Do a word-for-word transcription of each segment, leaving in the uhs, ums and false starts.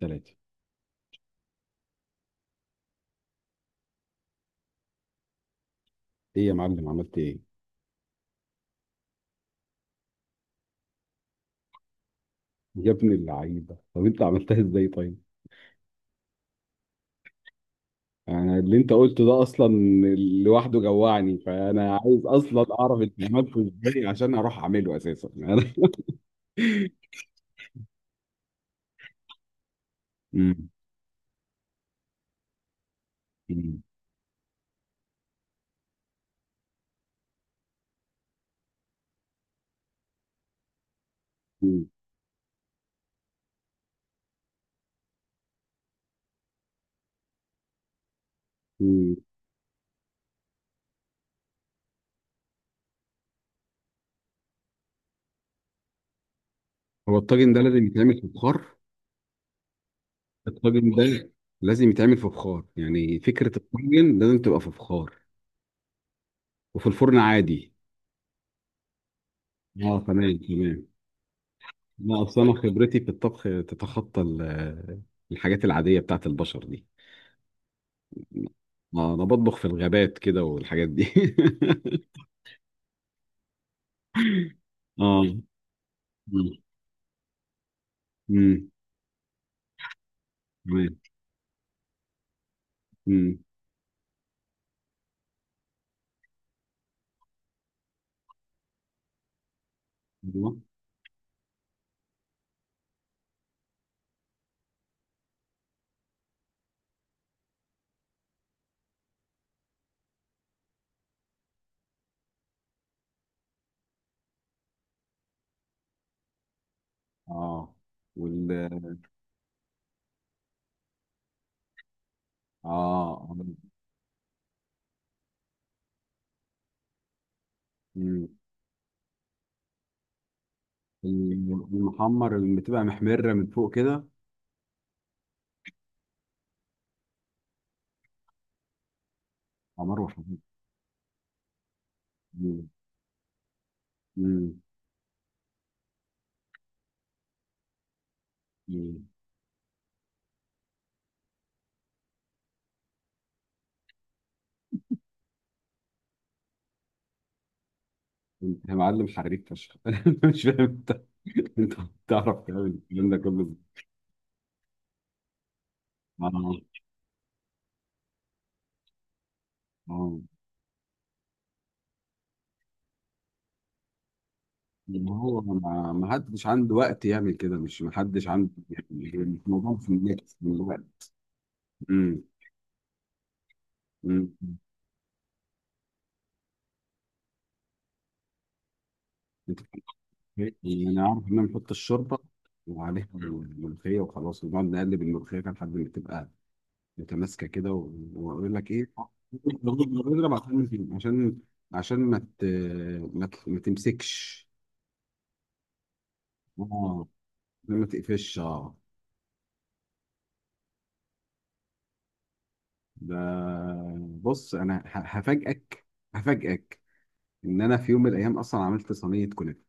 ثلاثة. ايه يا معلم، عملت ايه؟ يا ابن اللعيبة، طب انت عملتها ازاي طيب؟ انا اللي انت قلته ده اصلا لوحده جوعني، فانا عايز اصلا اعرف انت عملته ازاي عشان اروح اعمله اساسا انا. مم. مم. مم. مم. هو الطاجن ده لازم يتعمل في بخار؟ الطاجن ده لازم يتعمل في بخار، يعني فكرة الطاجن لازم تبقى في بخار وفي الفرن عادي؟ اه، تمام تمام. لا، اصل انا خبرتي في الطبخ تتخطى ال- الحاجات العادية بتاعت البشر دي. اه، انا بطبخ في الغابات كده والحاجات دي. اه. مم. مم. تمام. مم. أيوة. اه. وال، اه. آه. مم. الم- المحمر اللي بتبقى محمرة من فوق كده. حمار وحمير. مم. مم. مم. انت يا معلم حريف فشخ. انا مش فاهم انت، انت بتعرف تعمل الكلام ده كله إزاي. اه. اه. ما هو، ما ما حدش عنده وقت يعمل كده، مش ما حدش عنده يعني. الموضوع في النت دلوقتي. مم. انت بتحط ملوخية؟ يعني انا عارف ان انا بنحط الشوربه وعليها الملوخيه وخلاص، ونقعد نقلب الملوخيه كده لحد ما تبقى متماسكه كده و- واقول لك ايه، اضرب عشان، عشان، عشان ما ت... ما, ت... ما تمسكش. اه، ما تقفش اه. ده، بص انا ه- هفاجئك، هفاجئك ان انا في يوم من الايام اصلا عملت صينيه كنافه.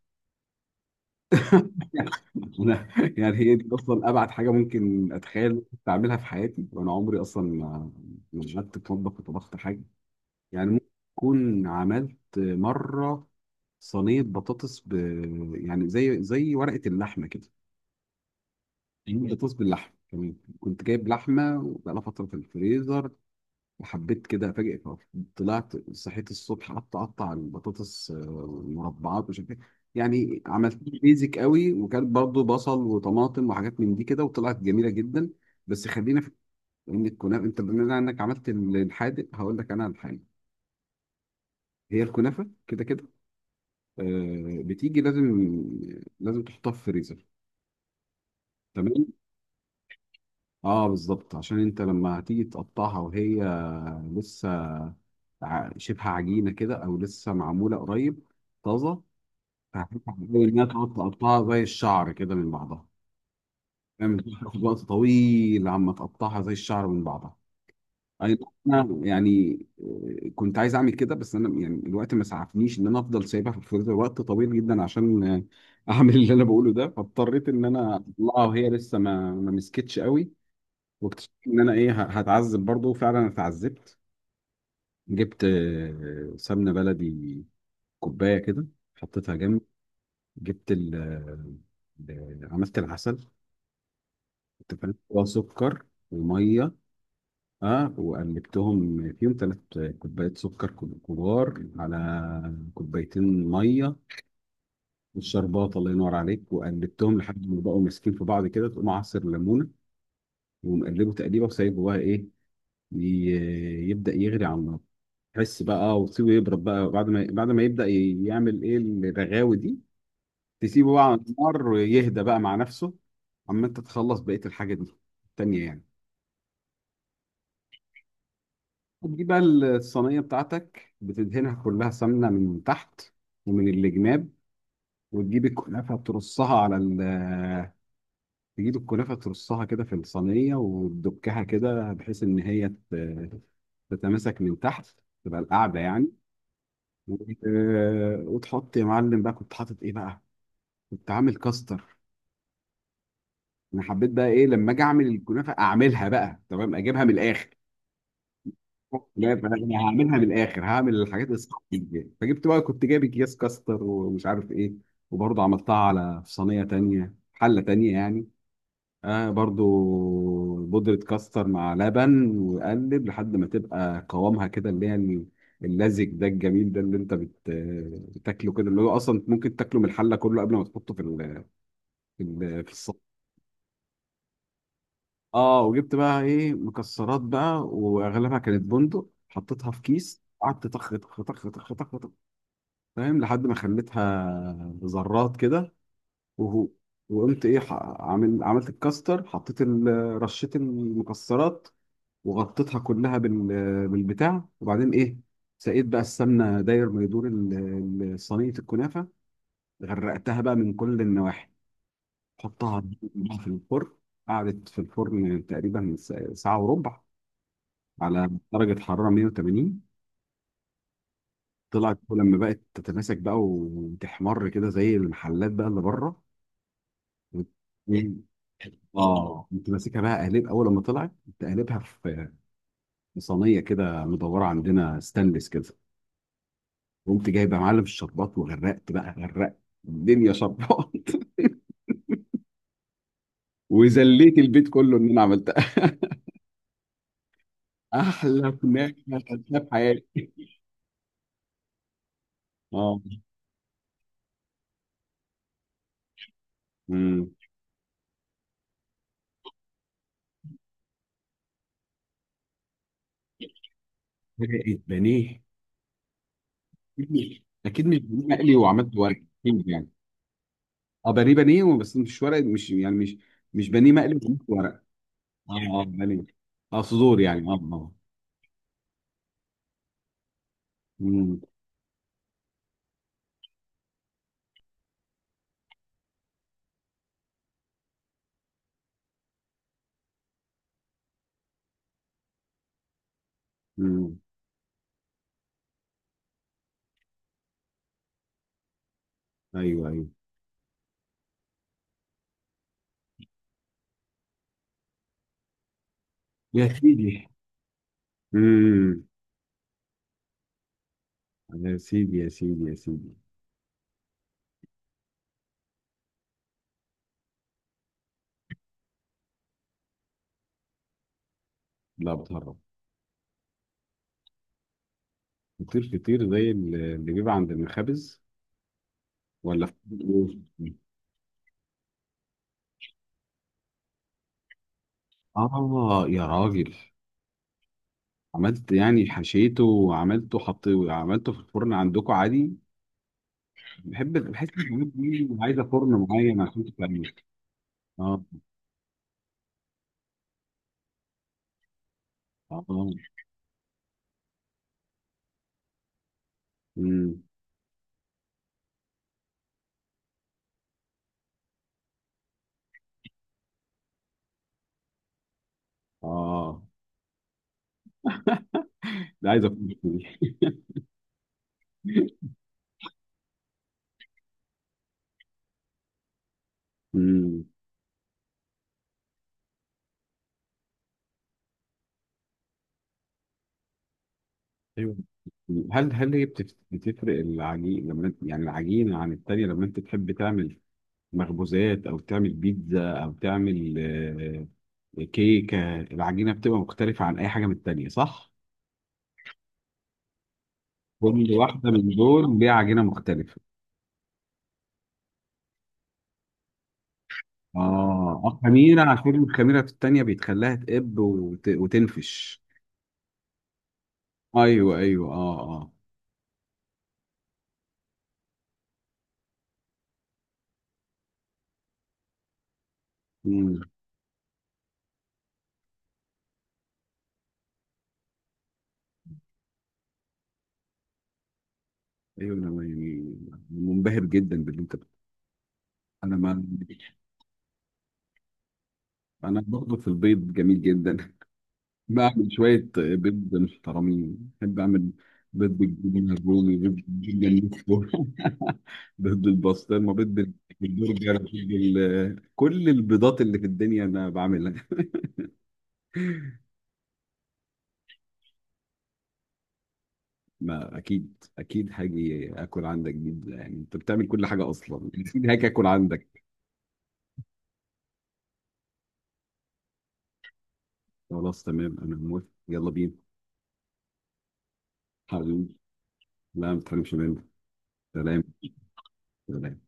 انا يعني هي دي اصلا ابعد حاجه ممكن اتخيل اعملها في حياتي، وانا عمري اصلا ما ما قعدت اتوضى وطبخت حاجه. يعني ممكن اكون عملت مره صينيه بطاطس ب... يعني زي زي ورقه اللحمه كده، صينية بطاطس باللحمه كمان. كنت جايب لحمه وبقالها فتره في الفريزر، حبيت كده افاجئك أهو. طلعت صحيت الصبح قعدت اقطع البطاطس، آه، المربعات ومش عارف ايه. يعني عملت بيزك قوي، وكان برضو بصل وطماطم وحاجات من دي كده، وطلعت جميله جدا. بس خلينا في ان الكنافه، انت بما انك عملت الحادق هقول لك انا على الحاجه. هي الكنافه كده كده، آه، بتيجي لازم، لازم تحطها في الفريزر. تمام. اه بالظبط، عشان انت لما هتيجي تقطعها وهي لسه، ع- شبه عجينه كده او لسه معموله قريب طازه، هتفتح الأول إنها تقعد تقطعها زي الشعر كده من بعضها. يعني تاخد وقت طويل عما تقطعها زي الشعر من بعضها. أي نعم، أنا يعني، آه، كنت عايز أعمل كده، بس أنا يعني الوقت ما سعفنيش إن أنا أفضل سايبها في الفريزر وقت طويل جدا عشان، آه، أعمل اللي أنا بقوله ده. فاضطريت إن أنا أطلعها وهي لسه ما ما مسكتش قوي. واكتشفت إن أنا إيه، ه- هتعذب برضه، فعلا اتعذبت. جبت آه، سمنة بلدي كوباية كده، حطيتها جنبي. جبت ال، ال- عملت العسل، انت فاهم، وسكر وميه. اه وقلبتهم فيهم ثلاث كوبايات سكر، كب- كبار، على كوبايتين ميه. والشربات، الله ينور عليك، وقلبتهم لحد ما بقوا ماسكين في بعض كده. تقوم عصر ليمونه ومقلبه تقليبه وسايبه بقى ايه، ي- يبدا يغلي على النار. تحس بقى وتسيبه يبرد بقى بعد ما، بعد ما يبدا ي- يعمل ايه الرغاوي دي، تسيبه بقى على النار ويهدى بقى مع نفسه، اما انت تخلص بقيه الحاجه دي التانيه يعني. بتجيب بقى الصينيه بتاعتك، بتدهنها كلها سمنه من تحت ومن الجناب، وتجيب الكنافه ترصها على ال، آه، تجيب الكنافه ترصها كده في الصينيه، وتدكها كده بحيث ان هي ت- تتماسك من تحت، تبقى القاعده يعني. و، آه، وتحط يا معلم بقى. كنت حاطط ايه بقى؟ كنت عامل كاستر. انا حبيت بقى ايه، لما اجي اعمل الكنافه اعملها بقى تمام، اجيبها من الاخر. لا فانا، أنا هعملها من الاخر، هعمل الحاجات الصح دي. فجبت بقى، كنت جايب اكياس كاستر ومش عارف ايه. وبرضه عملتها على، في صينيه تانية، حله تانية يعني. آه برضه بودره كاستر مع لبن، وقلب لحد ما تبقى قوامها كده، اللي هي ال- اللزج ده الجميل ده، اللي انت بت... بتاكله كده، اللي هو اصلا ممكن تاكله من الحله كله قبل ما تحطه في ال... في ال... في الصينية. اه، وجبت بقى ايه مكسرات بقى، واغلبها كانت بندق، حطيتها في كيس قعدت طخ طخ طخ طخ طخ طخ، فاهم، لحد ما خليتها ذرات كده. وهو، وقمت ايه، ح- عامل، عملت الكاستر، حطيت ال-، رشيت المكسرات وغطيتها كلها بال-، بالبتاع. وبعدين ايه، سقيت بقى السمنه داير ما يدور ال- ال- صينيه الكنافه، غرقتها بقى من كل النواحي، حطها في الفرن. قعدت في الفرن تقريبا ساعه وربع على درجة حرارة مية وتمانين. طلعت لما بقت تتماسك بقى وتحمر كده زي المحلات بقى اللي بره. وت- اه كنت ماسكها بقى، قالب اول، لما طلعت كنت قالبها في، في صينيه كده مدوره عندنا، ستانلس كده. قمت جايب يا معلم الشربات، وغرقت بقى، غرقت الدنيا شربات. وذليت البيت كله ان انا عملتها. احلى كنافه اكلتها في حياتي. اه. امم. فرقت بانيه؟ اكيد مش بانيه مقلي، وعملت ورق أكيد يعني. اه، بانيه بانيه بس مش ورق، مش يعني مش، مش بانيه مقلي، مش ورق. اه اه بانيه. اه، صدور يعني اه اه. امم. امم. ايوه ايوه. يا سيدي. امم. يا سيدي يا سيدي يا سيدي. لا بتهرب. فطير، فطير زي ال- اللي بيبقى عند المخابز؟ ولا فطير؟ اه يا راجل. عملت يعني، حشيته وعملته، حط عملته في الفرن عندكم عادي؟ بحب بحس ان الحاجات دي عايزه فرن معين عشان تتعمل. اه. اه. امم. اه. ده عايز افكر فيه. أمم. ايوه. هل هل هي بتف- بتفرق العجين لما انت، يعني العجينة عن التانية، لما انت تحب تعمل مخبوزات او تعمل بيتزا او تعمل، آه، كيكة؟ العجينة بتبقى مختلفة عن اي حاجة من التانية صح؟ كل واحدة من دول ليها عجينة مختلفة. اه، آه، خميرة، عشان الخميرة في التانية بيتخليها تقب وت- وتنفش. ايوه ايوه. اه اه. مم. ايوه انا يعني منبهر جدا باللي انت، انا ما، انا برضه في البيض جميل جدا. بعمل شويه بيض محترمين، بحب اعمل بيض بالجبنه الرومي، بيض بالجبنه النستور، بيض بالبسطرمه، بيض بال- بالبرجر، بيض بال-، كل البيضات اللي في الدنيا انا بعملها. ما اكيد اكيد هاجي اكل عندك، جدا يعني انت بتعمل كل حاجه اصلا، اكيد هاجي اكل عندك. خلاص تمام، انا موافق، يلا بينا. حبيبي. لا، ما تحرمش مني. سلام. سلام.